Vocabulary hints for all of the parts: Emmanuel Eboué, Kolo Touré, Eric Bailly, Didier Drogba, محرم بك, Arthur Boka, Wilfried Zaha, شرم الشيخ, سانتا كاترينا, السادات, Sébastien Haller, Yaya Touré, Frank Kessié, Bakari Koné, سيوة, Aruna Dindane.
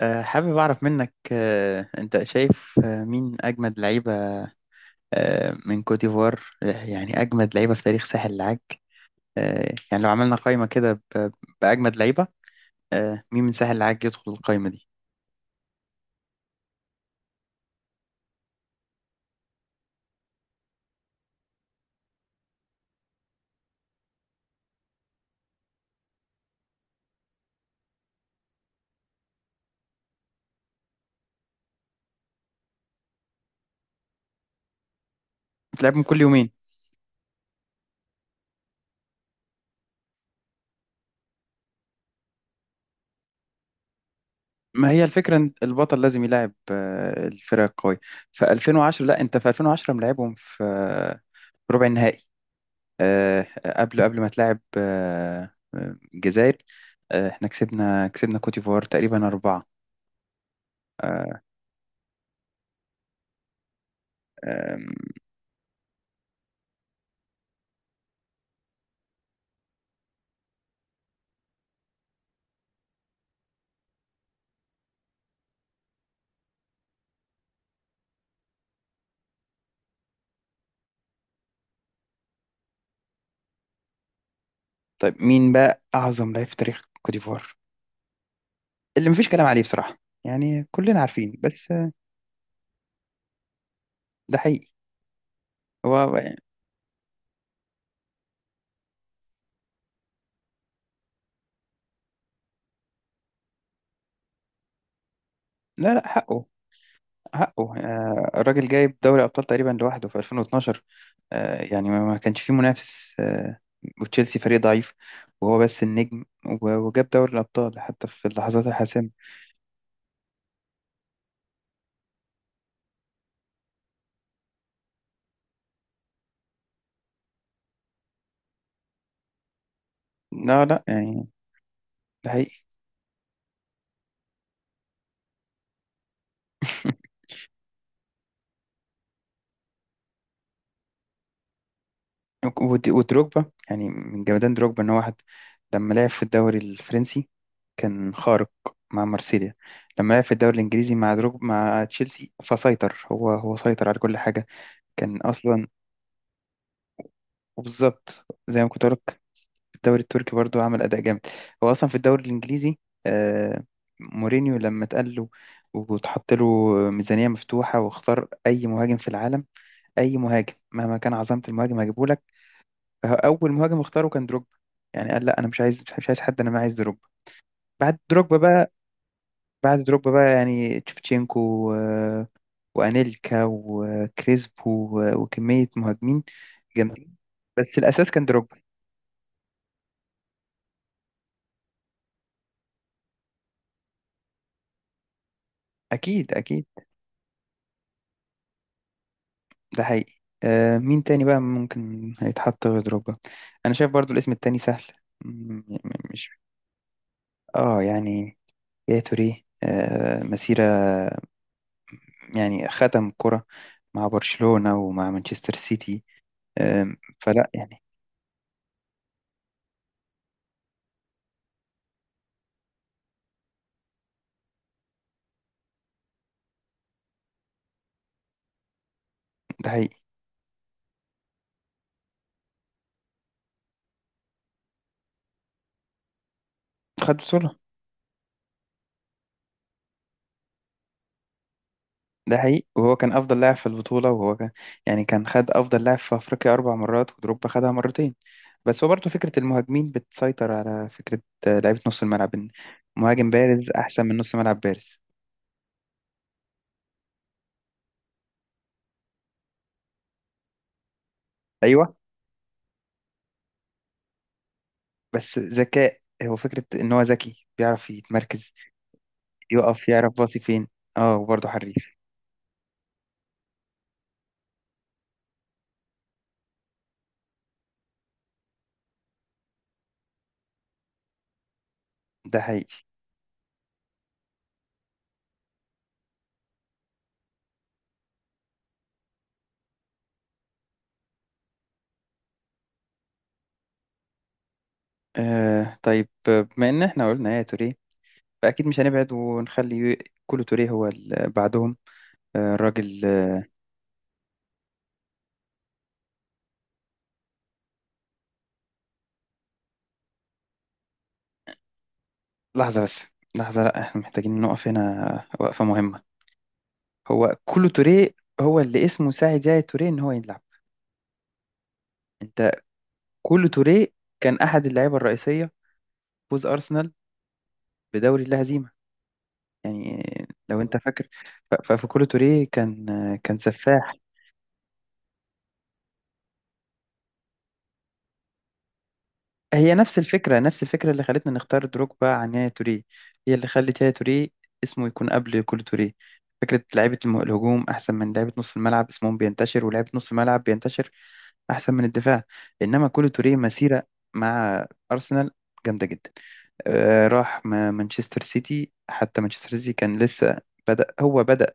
حابب أعرف منك أنت شايف مين أجمد لعيبة من كوت ديفوار، آه، يعني أجمد لعيبة في تاريخ ساحل العاج. يعني لو عملنا قائمة كده بأجمد لعيبة. مين من ساحل العاج يدخل القائمة دي؟ بتلعبهم كل يومين. ما هي الفكرة إن البطل لازم يلاعب الفرق القوية. في 2010، لا أنت في 2010 ملاعبهم في في ربع النهائي. آه، قبل ما تلاعب الجزائر. احنا كسبنا كوت ديفوار تقريبا 4. آه، أم، طيب مين بقى أعظم لعيب في تاريخ كوت ديفوار اللي مفيش كلام عليه بصراحة؟ يعني كلنا عارفين بس ده حقيقي. هو هو يعني- لا لا، حقه. حقه الراجل جايب دوري أبطال تقريبا لوحده في 2012. يعني ما كانش فيه منافس، آه، وتشيلسي فريق ضعيف وهو بس النجم، وجاب دوري الأبطال حتى في اللحظات الحاسمة. لا لا يعني، ده حقيقي. ودروجبا، يعني من جمدان دروجبا ان هو واحد. لما لعب في الدوري الفرنسي كان خارق مع مارسيليا. لما لعب في الدوري الانجليزي مع دروب مع تشيلسي، فسيطر. هو سيطر على كل حاجه. كان اصلا، وبالظبط زي ما كنت بقولك، في الدوري التركي برضو عمل اداء جامد. هو اصلا في الدوري الانجليزي، آه، مورينيو لما اتقال له وتحط له ميزانيه مفتوحه واختار اي مهاجم في العالم، اي مهاجم مهما كان عظمه المهاجم هجيبه لك، فهو اول مهاجم اختاره كان دروب. يعني قال لا، انا مش عايز، مش عايز حد، انا ما عايز دروب. بعد دروجبا بقى، بعد دروجبا بقى يعني تشفتشينكو و- وانيلكا وكريسبو وكمية مهاجمين جامدين، بس الأساس كان دروجبا. أكيد أكيد. ده حقيقي. مين تاني بقى ممكن هيتحط غير دروجبا؟ أنا شايف برضو الاسم التاني سهل. م- م- مش، يعني يا توريه، آه، مسيرة، يعني ختم كرة مع برشلونة ومع مانشستر سيتي. آه، فلا يعني، ده حقيقي. خد بطولة. ده حقيقي، وهو كان أفضل لاعب في البطولة، وهو كان يعني كان خد أفضل لاعب في أفريقيا 4 مرات، ودروجبا خدها مرتين. بس هو برضه فكرة المهاجمين بتسيطر على فكرة لعيبة نص الملعب، إن مهاجم بارز أحسن من نص ملعب بارز. أيوه، بس ذكاء، هو فكرة إن هو ذكي بيعرف يتمركز، يقف، يعرف باصي فين. اه وبرضه حريف. ده حقيقي. طيب، بما إن إحنا قلنا يا توريه، فأكيد مش هنبعد ونخلي كولو توريه هو اللي بعدهم. الراجل، لحظة بس، لحظة، لأ احنا محتاجين نقف هنا وقفة مهمة. هو كولو توريه هو اللي اسمه ساعد يا توريه إن هو يلعب؟ أنت، كولو توريه كان أحد اللعيبة الرئيسية، فوز أرسنال بدوري اللا هزيمة، يعني لو أنت فاكر. فكولو توريه كان كان سفاح. هي نفس الفكرة، نفس الفكرة اللي خلتنا نختار دروجبا عن يايا توريه، هي اللي خلت يايا توريه اسمه يكون قبل كول توريه. فكرة لعيبة الهجوم أحسن من لعيبة نص الملعب، اسمهم بينتشر، ولعيبة نص الملعب بينتشر أحسن من الدفاع. إنما كول توريه مسيرة مع أرسنال جامدة جدا. راح مانشستر سيتي، حتى مانشستر سيتي كان لسه بدأ. هو بدأ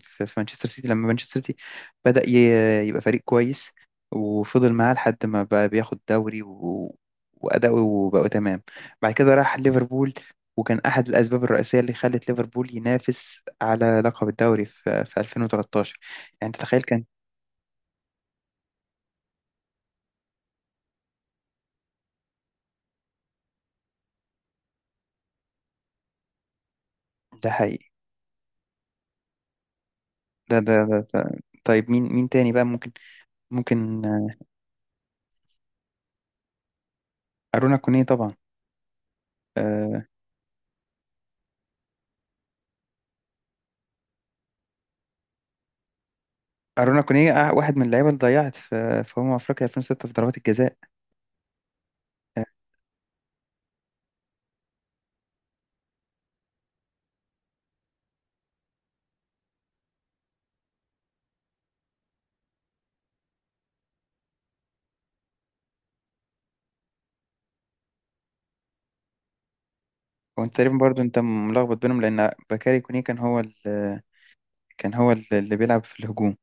في في مانشستر سيتي لما مانشستر سيتي بدأ يبقى فريق كويس، وفضل معاه لحد ما بقى بياخد دوري، و... وأداؤه وبقوا تمام. بعد كده راح ليفربول، وكان أحد الأسباب الرئيسية اللي خلت ليفربول ينافس على لقب الدوري في 2013. يعني تتخيل كان ده حقيقي. ده. طيب مين، مين تاني بقى ممكن ممكن أرونا كونيه طبعا. آه، أرونا كونيه واحد من اللعيبة اللي ضيعت في في أمم أفريقيا 2006 في ضربات الجزاء. وانت تقريبا برضو انت ملخبط بينهم، لان بكاري كوني كان هو كان هو اللي بيلعب في الهجوم.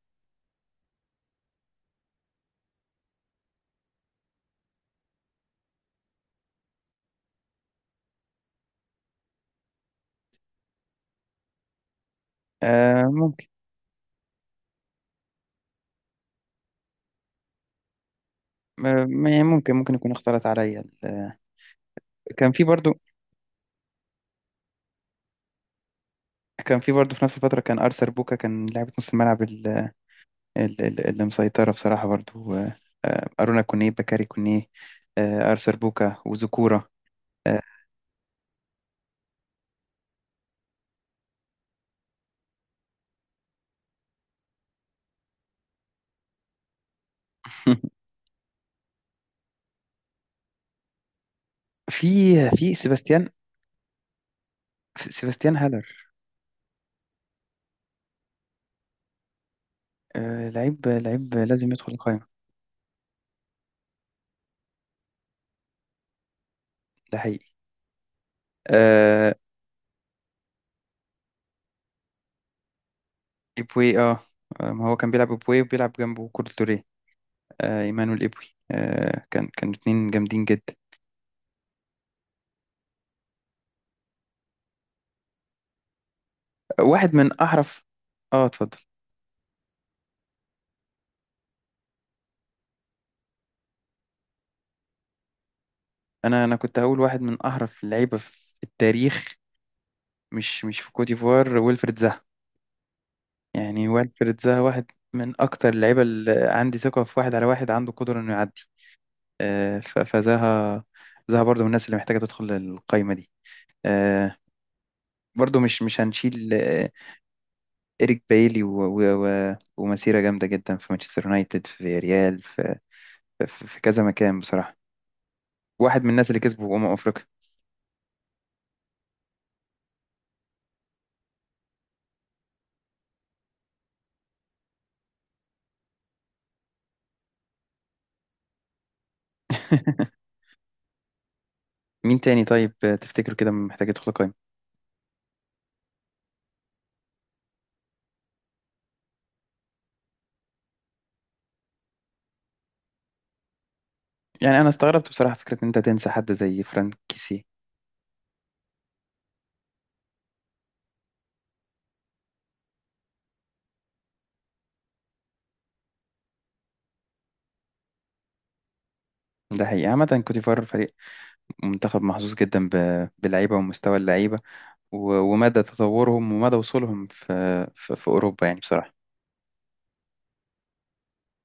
آه ممكن، يعني ممكن، ممكن يكون اختلط عليا كان في برضو، كان في برضو في نفس الفترة كان أرثر بوكا، كان لاعب نص الملعب اللي مسيطرة بصراحة برضو، آه، أرونا كونيه، بكاري كونيه، أرثر بوكا، وزكورة. آه، في في سيباستيان، سيباستيان هالر. لعيب لازم يدخل القائمة. ده حقيقي. آه، إبوي اه. ما هو كان بيلعب إبوي وبيلعب جنبه كولتوريه. آه إيمانويل إبوي، آه كان، كانوا اتنين جامدين جدا. واحد من أحرف. اه اتفضل. أنا أنا كنت هقول واحد من أحرف اللعيبة في التاريخ، مش مش في كوت ديفوار، ويلفريد زاها. يعني ويلفريد زاها واحد من أكتر اللعيبة اللي عندي ثقة في واحد على واحد عنده قدرة إنه يعدي. آه فزاها، زاها برضو من الناس اللي محتاجة تدخل القايمة دي. آه، برضو مش مش هنشيل إيريك بايلي ومسيرة جامدة جدا في مانشستر يونايتد، في ريال، في كذا مكان بصراحة. واحد من الناس اللي كسبوا أمم أفريقيا. مين تاني طيب تفتكره كده محتاج يدخل قائمة؟ يعني أنا استغربت بصراحة فكرة إن أنت تنسى حد زي فرانك كيسي. ده حقيقي. عامة كوتيفار فريق، منتخب محظوظ جدا باللعيبة ومستوى اللعيبة ومدى تطورهم ومدى وصولهم في أوروبا يعني بصراحة.